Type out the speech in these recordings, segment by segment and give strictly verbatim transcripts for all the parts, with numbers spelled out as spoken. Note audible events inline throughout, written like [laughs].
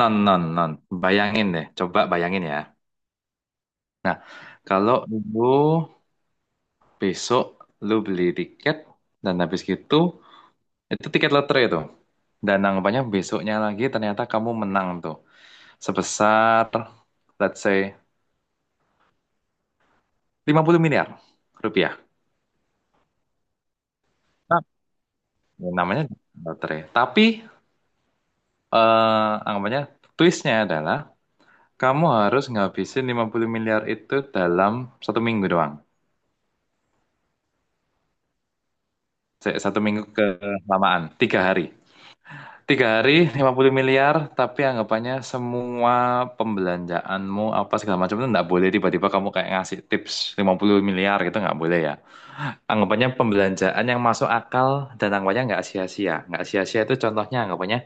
Non, non, non. Bayangin deh, coba bayangin ya. Nah, kalau lu besok lu beli tiket dan habis gitu, itu tiket lotre tuh. Dan anggapannya besoknya lagi ternyata kamu menang tuh. Sebesar, let's say, lima puluh miliar rupiah. Nah, namanya lotre. Tapi, eh, anggapannya twistnya adalah kamu harus ngabisin lima puluh miliar itu dalam satu minggu doang. Se- Satu minggu kelamaan, tiga hari. Tiga hari, lima puluh miliar, tapi anggapannya semua pembelanjaanmu apa segala macam itu nggak boleh tiba-tiba kamu kayak ngasih tips lima puluh miliar gitu nggak boleh ya. Anggapannya pembelanjaan yang masuk akal dan anggapannya nggak sia-sia. Nggak sia-sia itu contohnya anggapannya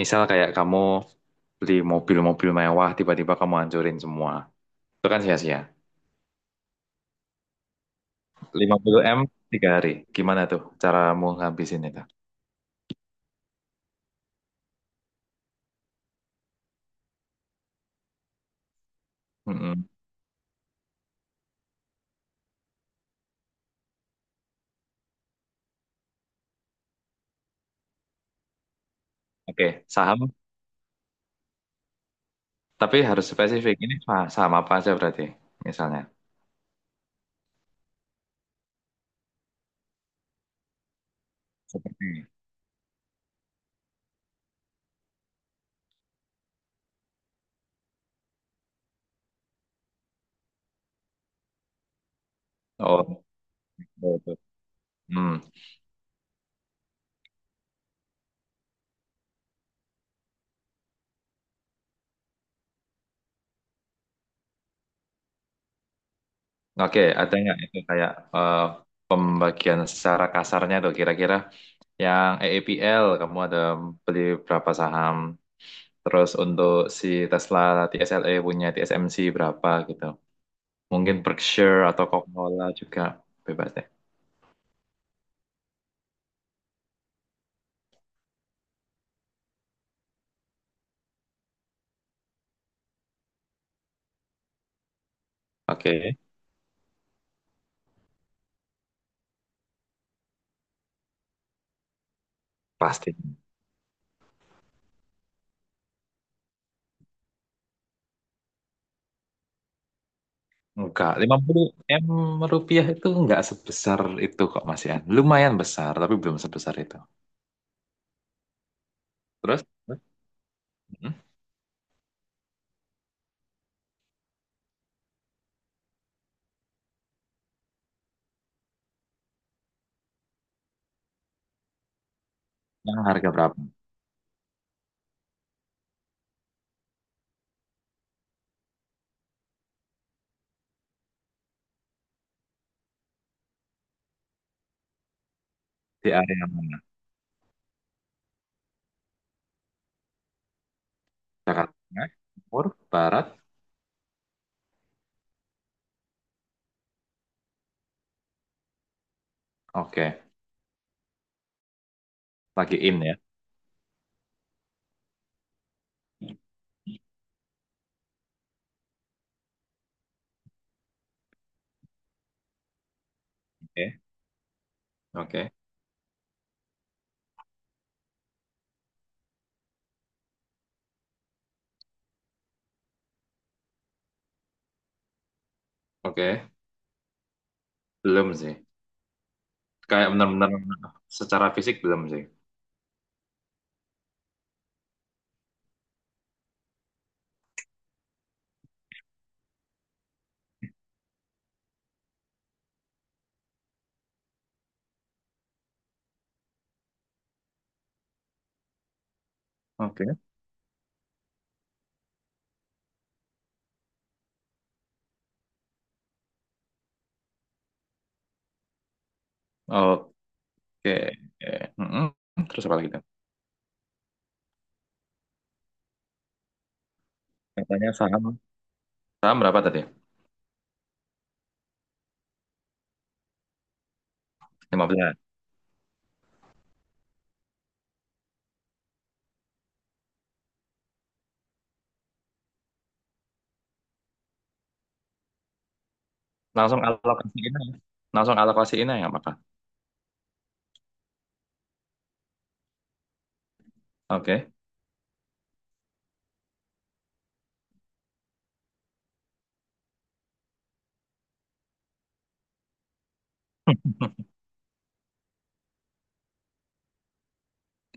misal kayak kamu beli mobil-mobil mewah tiba-tiba kamu hancurin semua. Itu kan sia-sia. Lima puluh m tiga hari. Gimana tuh caramu ngabisin itu? Mm-mm. Oke, saham. Tapi harus spesifik. Ini sah- saham apa aja berarti misalnya. Seperti. Oh, betul, betul. Hmm. Oke, ada nggak itu kayak eh, pembagian secara kasarnya tuh kira-kira yang E E P L kamu ada beli berapa saham, terus untuk si Tesla T S L E punya T S M C berapa gitu. Mungkin Berkshire atau Coca-Cola juga bebas deh. Oke, pasti. Enggak, lima puluh m rupiah itu enggak sebesar itu kok Mas Ian. Lumayan besar, tapi belum sebesar itu. Terus, terus? Hmm? Yang harga berapa? Di area mana? Jakarta Tengah, Timur, Barat. Oke, lagi in ya. Oke, oke, oke. Belum sih. Kayak benar-benar secara fisik belum sih. Oke, oke. Mm-mm. Terus apa lagi tuh? Katanya saham. Saham berapa tadi? Lima belas, langsung alokasiin aja. Langsung alokasiin aja nggak apa-apa. Oke.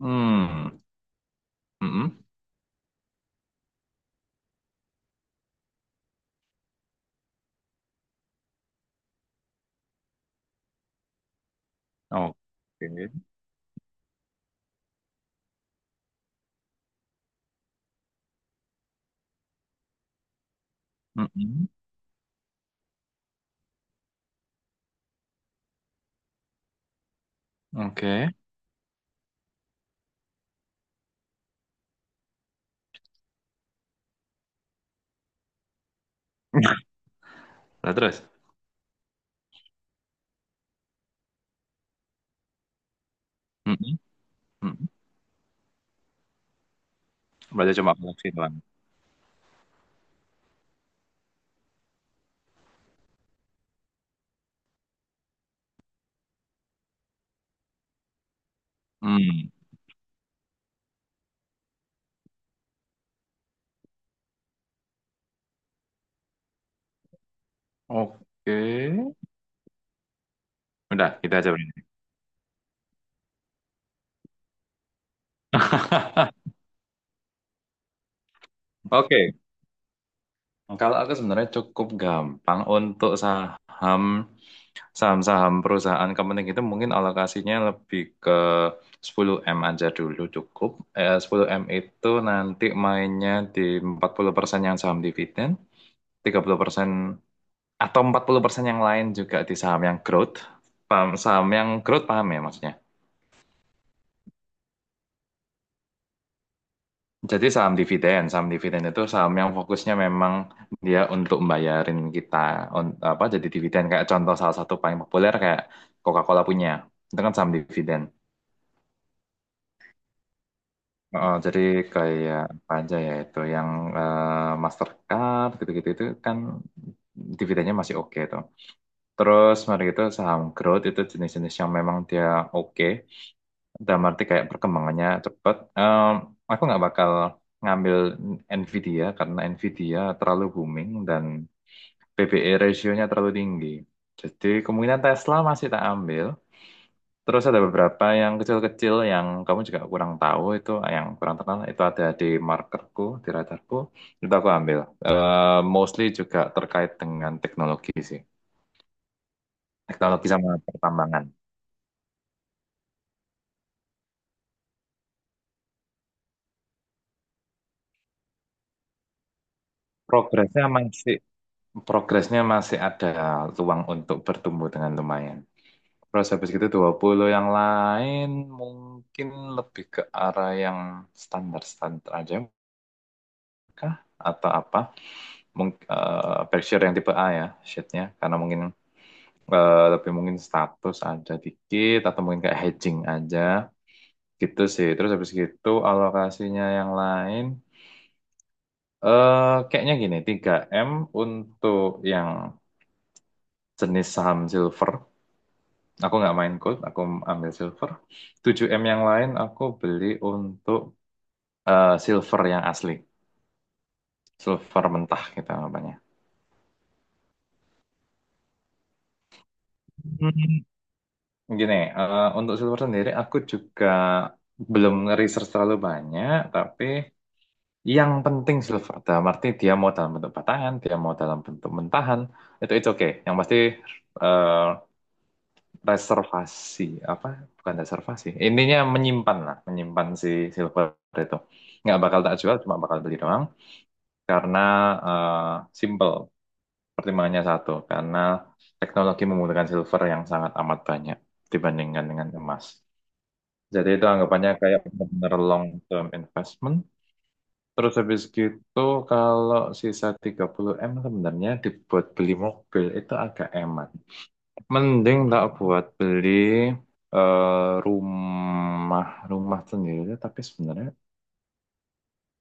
Hmm. Mm-mm. Oke. Mm-mm. Oke. Nah, terus? Mm-mm. Mm-mm. Berarti cuma koleksi doang. Hmm. Oke. Udah, kita aja berarti. [laughs] Oke, kalau aku sebenarnya cukup gampang untuk saham saham-saham perusahaan kepenting itu mungkin alokasinya lebih ke sepuluh M aja dulu cukup. Eh, sepuluh M itu nanti mainnya di empat puluh persen yang saham dividen, tiga puluh persen atau empat puluh persen yang lain juga di saham yang growth. Paham, saham yang growth paham ya maksudnya? Jadi saham dividen, saham dividen itu saham yang fokusnya memang dia untuk membayarin kita un- apa jadi dividen kayak contoh salah satu paling populer kayak Coca-Cola punya. Itu kan saham dividen. Oh, jadi kayak apa aja ya itu yang eh, Mastercard gitu-gitu itu kan dividennya masih oke tuh. Terus mari itu saham growth itu jenis-jenis yang memang dia oke. Dalam arti kayak perkembangannya cepat. Em, aku nggak bakal ngambil Nvidia karena Nvidia terlalu booming dan P B E rasionya terlalu tinggi. Jadi kemungkinan Tesla masih tak ambil. Terus ada beberapa yang kecil-kecil yang kamu juga kurang tahu itu, yang kurang terkenal itu ada di markerku, di radarku, itu aku ambil. Eh, mostly juga terkait dengan teknologi sih, teknologi sama pertambangan. Progresnya masih Progresnya masih ada ruang untuk bertumbuh dengan lumayan. Terus habis gitu dua puluh yang lain mungkin lebih ke arah yang standar-standar aja kah? Atau apa? Mungkin berkshire yang tipe A ya, shitnya. Karena mungkin eh, lebih mungkin status ada dikit atau mungkin kayak hedging aja gitu sih. Terus habis gitu alokasinya yang lain eh kayaknya gini, tiga m untuk yang jenis saham silver. Aku nggak main gold, aku ambil silver. Tujuh m yang lain aku beli untuk eh, silver yang asli. Silver mentah gitu namanya. Hmm. Gini, eh, untuk silver sendiri aku juga belum research terlalu banyak, tapi yang penting silver. Dalam arti dia mau dalam bentuk batangan, dia mau dalam bentuk mentahan, itu itu oke. Yang pasti eh, reservasi apa bukan reservasi intinya menyimpan lah menyimpan si silver itu nggak bakal tak jual cuma bakal beli doang karena eh, simple pertimbangannya satu karena teknologi membutuhkan silver yang sangat amat banyak dibandingkan dengan emas jadi itu anggapannya kayak benar long term investment. Terus habis gitu kalau sisa tiga puluh M sebenarnya dibuat beli mobil itu agak emas. Mending tak buat beli eh, rumah rumah sendiri, tapi sebenarnya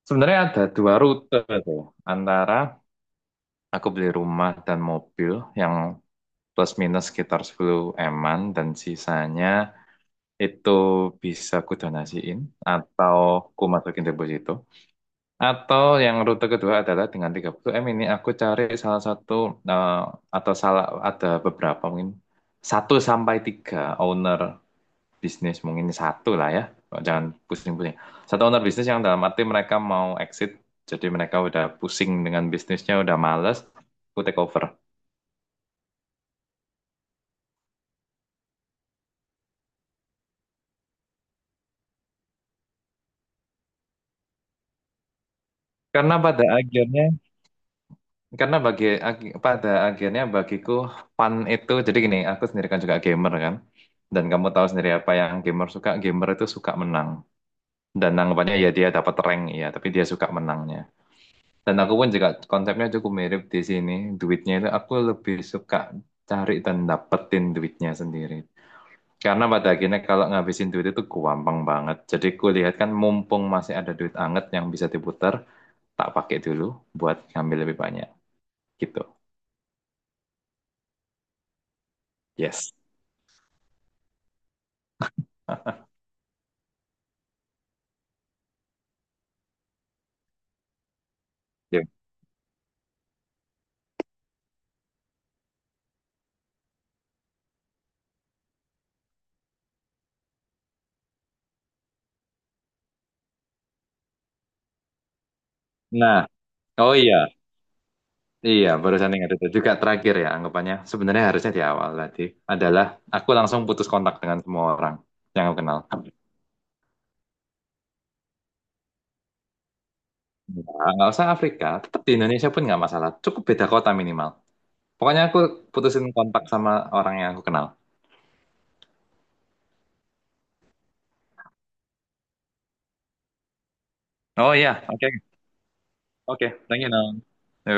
sebenarnya ada dua rute tuh antara aku beli rumah dan mobil yang plus minus sekitar sepuluh eman dan sisanya itu bisa ku donasiin atau ku masukin deposito, atau yang rute kedua adalah dengan tiga puluh M ini aku cari salah satu eh, atau salah ada beberapa mungkin satu sampai tiga owner bisnis mungkin satu lah ya. Oh, jangan pusing-pusing, satu owner bisnis yang dalam arti mereka mau exit jadi mereka udah pusing dengan bisnisnya udah males aku take over karena pada akhirnya karena bagi ag- pada akhirnya bagiku fun itu jadi gini aku sendiri kan juga gamer kan dan kamu tahu sendiri apa yang gamer suka gamer itu suka menang dan anggapannya ya dia dapat rank ya tapi dia suka menangnya. Dan aku pun juga konsepnya cukup mirip di sini. Duitnya itu aku lebih suka cari dan dapetin duitnya sendiri. Karena pada akhirnya kalau ngabisin duit itu gampang banget. Jadi kulihat kan mumpung masih ada duit anget yang bisa diputar, tak pakai dulu buat ngambil lebih banyak. Gitu. Yes. Ya. Nah, oh iya. Iya, barusan ingat itu juga terakhir ya anggapannya. Sebenarnya harusnya di awal tadi adalah aku langsung putus kontak dengan semua orang yang aku kenal. Nah, nggak usah Afrika, tetap di Indonesia pun nggak masalah. Cukup beda kota minimal. Pokoknya aku putusin kontak sama orang yang aku kenal. Oh iya, oke, oke, thank you, Nong.